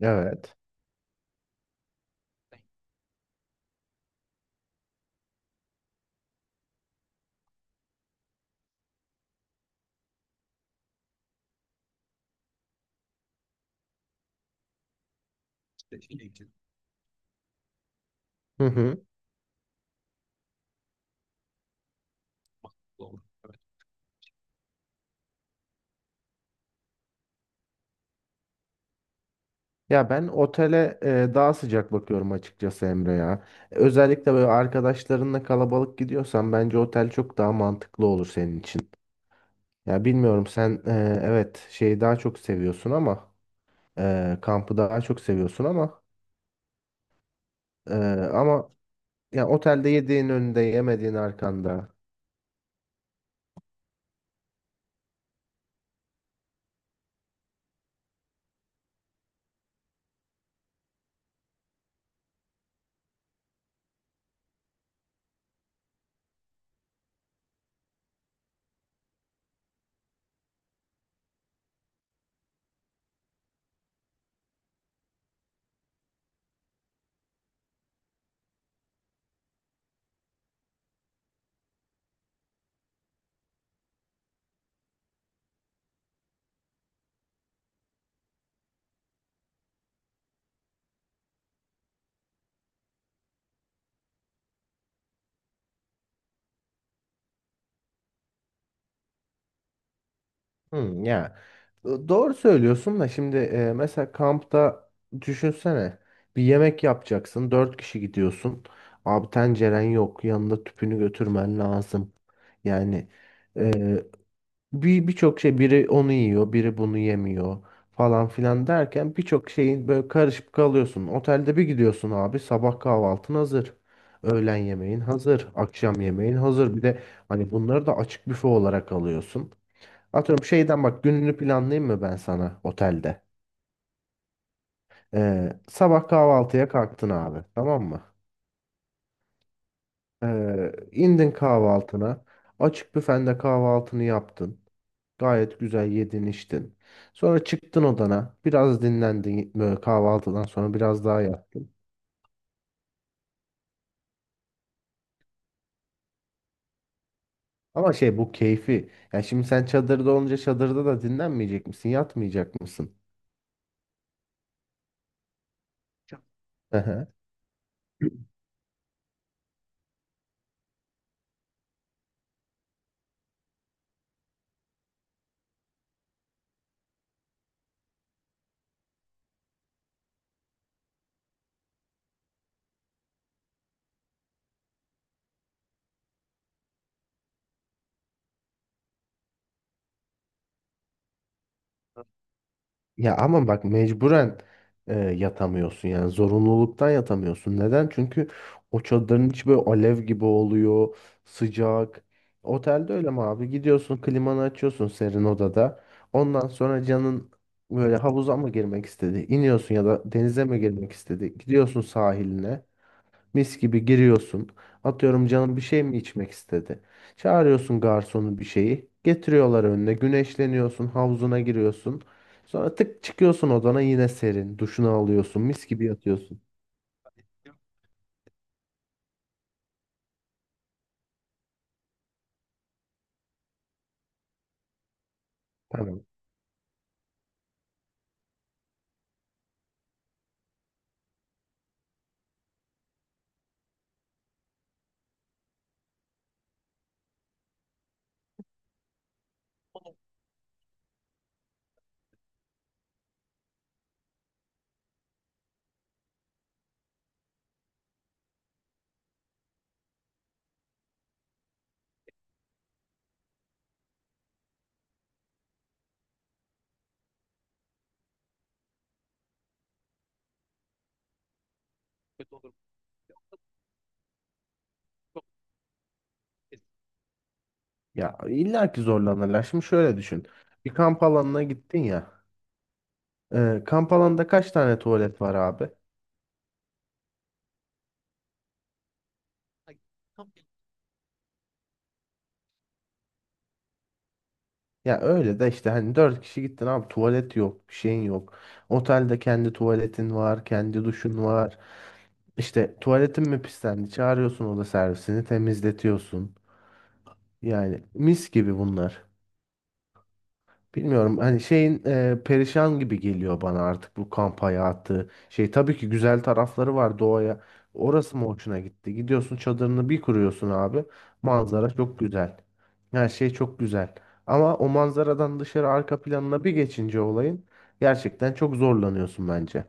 Evet. İşte şey için. Hı hı. Doğru. Evet. Ya ben otele daha sıcak bakıyorum açıkçası Emre ya. Özellikle böyle arkadaşlarınla kalabalık gidiyorsan bence otel çok daha mantıklı olur senin için. Ya bilmiyorum sen evet şeyi daha çok seviyorsun ama kampı daha çok seviyorsun ama e, ama ya otelde yediğin önünde yemediğin arkanda. Hı, ya doğru söylüyorsun da şimdi mesela kampta düşünsene, bir yemek yapacaksın, dört kişi gidiyorsun abi, tenceren yok, yanında tüpünü götürmen lazım yani. e, Birçok şey, biri onu yiyor biri bunu yemiyor, falan filan derken birçok şeyin böyle karışıp kalıyorsun. Otelde bir gidiyorsun abi, sabah kahvaltın hazır, öğlen yemeğin hazır, akşam yemeğin hazır, bir de hani bunları da açık büfe olarak alıyorsun. Atıyorum şeyden, bak gününü planlayayım mı ben sana otelde? Sabah kahvaltıya kalktın abi, tamam mı? İndin kahvaltına. Açık büfende kahvaltını yaptın. Gayet güzel yedin içtin. Sonra çıktın odana. Biraz dinlendin, böyle kahvaltıdan sonra biraz daha yattın. Ama şey, bu keyfi. Yani şimdi sen çadırda olunca çadırda da dinlenmeyecek misin? Yatmayacak mısın? Ya ama bak mecburen yatamıyorsun, yani zorunluluktan yatamıyorsun. Neden? Çünkü o çadırın içi böyle alev gibi oluyor, sıcak. Otelde öyle mi abi? Gidiyorsun, klimanı açıyorsun, serin odada. Ondan sonra canın böyle havuza mı girmek istedi? İniyorsun. Ya da denize mi girmek istedi? Gidiyorsun sahiline. Mis gibi giriyorsun. Atıyorum, canım bir şey mi içmek istedi? Çağırıyorsun garsonu bir şeyi. Getiriyorlar önüne. Güneşleniyorsun. Havuzuna giriyorsun. Sonra tık çıkıyorsun odana, yine serin. Duşunu alıyorsun. Mis gibi yatıyorsun. Tamam. Ya illa ki zorlanırlar. Şimdi şöyle düşün. Bir kamp alanına gittin ya. Kamp alanında kaç tane tuvalet var abi? Ya öyle de işte, hani dört kişi gittin abi, tuvalet yok, bir şeyin yok. Otelde kendi tuvaletin var, kendi duşun var. İşte tuvaletin mi pislendi? Çağırıyorsun oda servisini, temizletiyorsun. Yani mis gibi bunlar. Bilmiyorum, hani şeyin perişan gibi geliyor bana artık bu kamp hayatı. Şey, tabii ki güzel tarafları var doğaya. Orası mı hoşuna gitti? Gidiyorsun çadırını bir kuruyorsun abi. Manzara çok güzel. Her şey çok güzel. Ama o manzaradan dışarı, arka planına bir geçince olayın, gerçekten çok zorlanıyorsun bence.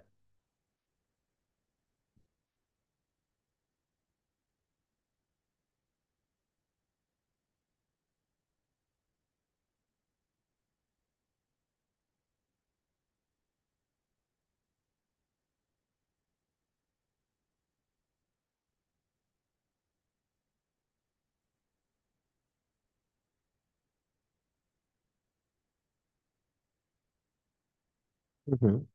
Hı hı.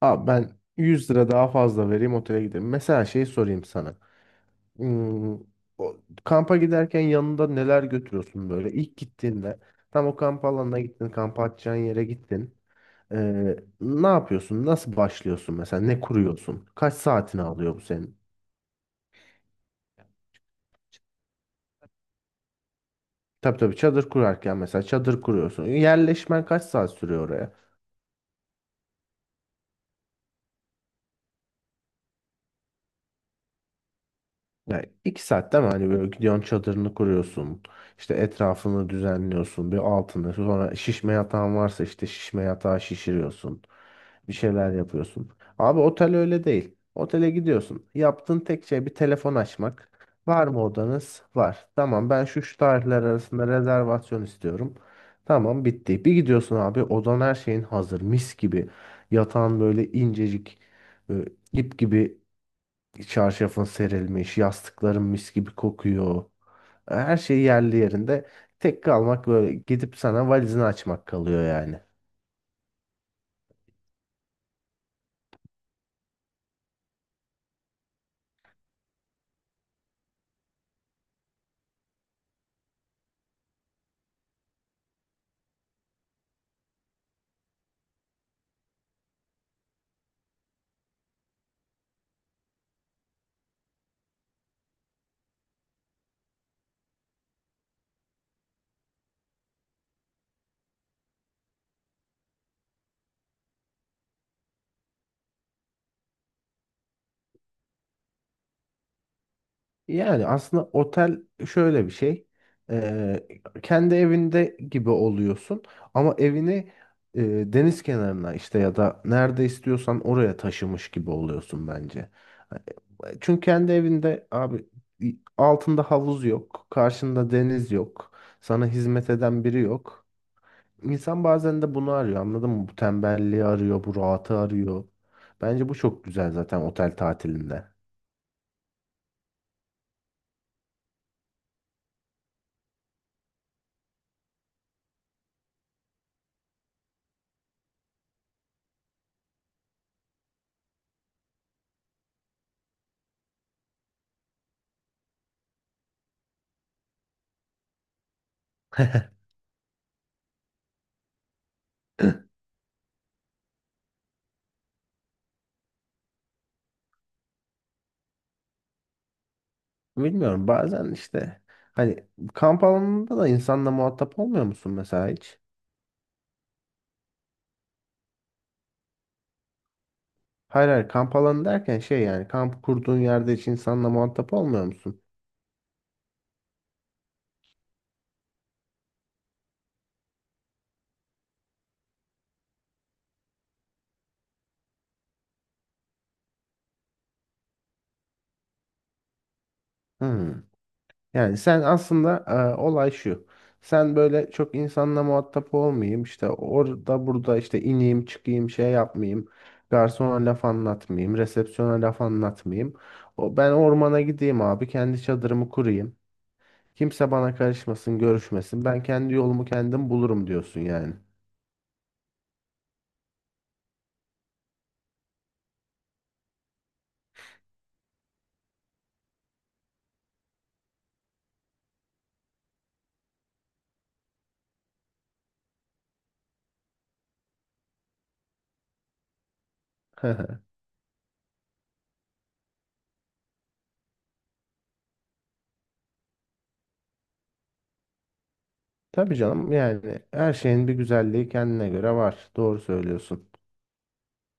Abi ben 100 lira daha fazla vereyim, otele gidelim. Mesela şey sorayım sana. Hmm, o, kampa giderken yanında neler götürüyorsun böyle? İlk gittiğinde tam o kamp alanına gittin, kamp atacağın yere gittin. Ne yapıyorsun? Nasıl başlıyorsun mesela? Ne kuruyorsun? Kaç saatini alıyor bu senin? Tabii tabii, çadır kurarken mesela çadır kuruyorsun. Yerleşmen kaç saat sürüyor? Yani 2 saat değil mi? Hani böyle gidiyorsun, çadırını kuruyorsun. İşte etrafını düzenliyorsun. Bir altını. Sonra şişme yatağın varsa işte şişme yatağı şişiriyorsun. Bir şeyler yapıyorsun. Abi otel öyle değil. Otele gidiyorsun. Yaptığın tek şey bir telefon açmak. Var mı odanız? Var. Tamam, ben şu şu tarihler arasında rezervasyon istiyorum. Tamam, bitti. Bir gidiyorsun abi, odan her şeyin hazır. Mis gibi. Yatağın böyle incecik, e, ip gibi. Çarşafın serilmiş, yastıkların mis gibi kokuyor. Her şey yerli yerinde. Tek kalmak böyle gidip sana valizini açmak kalıyor yani. Yani aslında otel şöyle bir şey. Ee, Kendi evinde gibi oluyorsun ama evini e, deniz kenarına, işte ya da nerede istiyorsan oraya taşımış gibi oluyorsun bence. Çünkü kendi evinde abi altında havuz yok, karşında deniz yok, sana hizmet eden biri yok. İnsan bazen de bunu arıyor, anladın mı? Bu tembelliği arıyor, bu rahatı arıyor. Bence bu çok güzel zaten otel tatilinde. Bilmiyorum, bazen işte hani kamp alanında da insanla muhatap olmuyor musun mesela hiç? Hayır hayır, kamp alanı derken şey yani, kamp kurduğun yerde hiç insanla muhatap olmuyor musun? Hmm. Yani sen aslında olay şu. Sen böyle, çok insanla muhatap olmayayım, işte orada burada, işte ineyim çıkayım, şey yapmayayım. Garsona laf anlatmayayım. Resepsiyona laf anlatmayayım. O, ben ormana gideyim abi. Kendi çadırımı kurayım. Kimse bana karışmasın, görüşmesin. Ben kendi yolumu kendim bulurum diyorsun yani. Tabii canım, yani her şeyin bir güzelliği kendine göre var. Doğru söylüyorsun.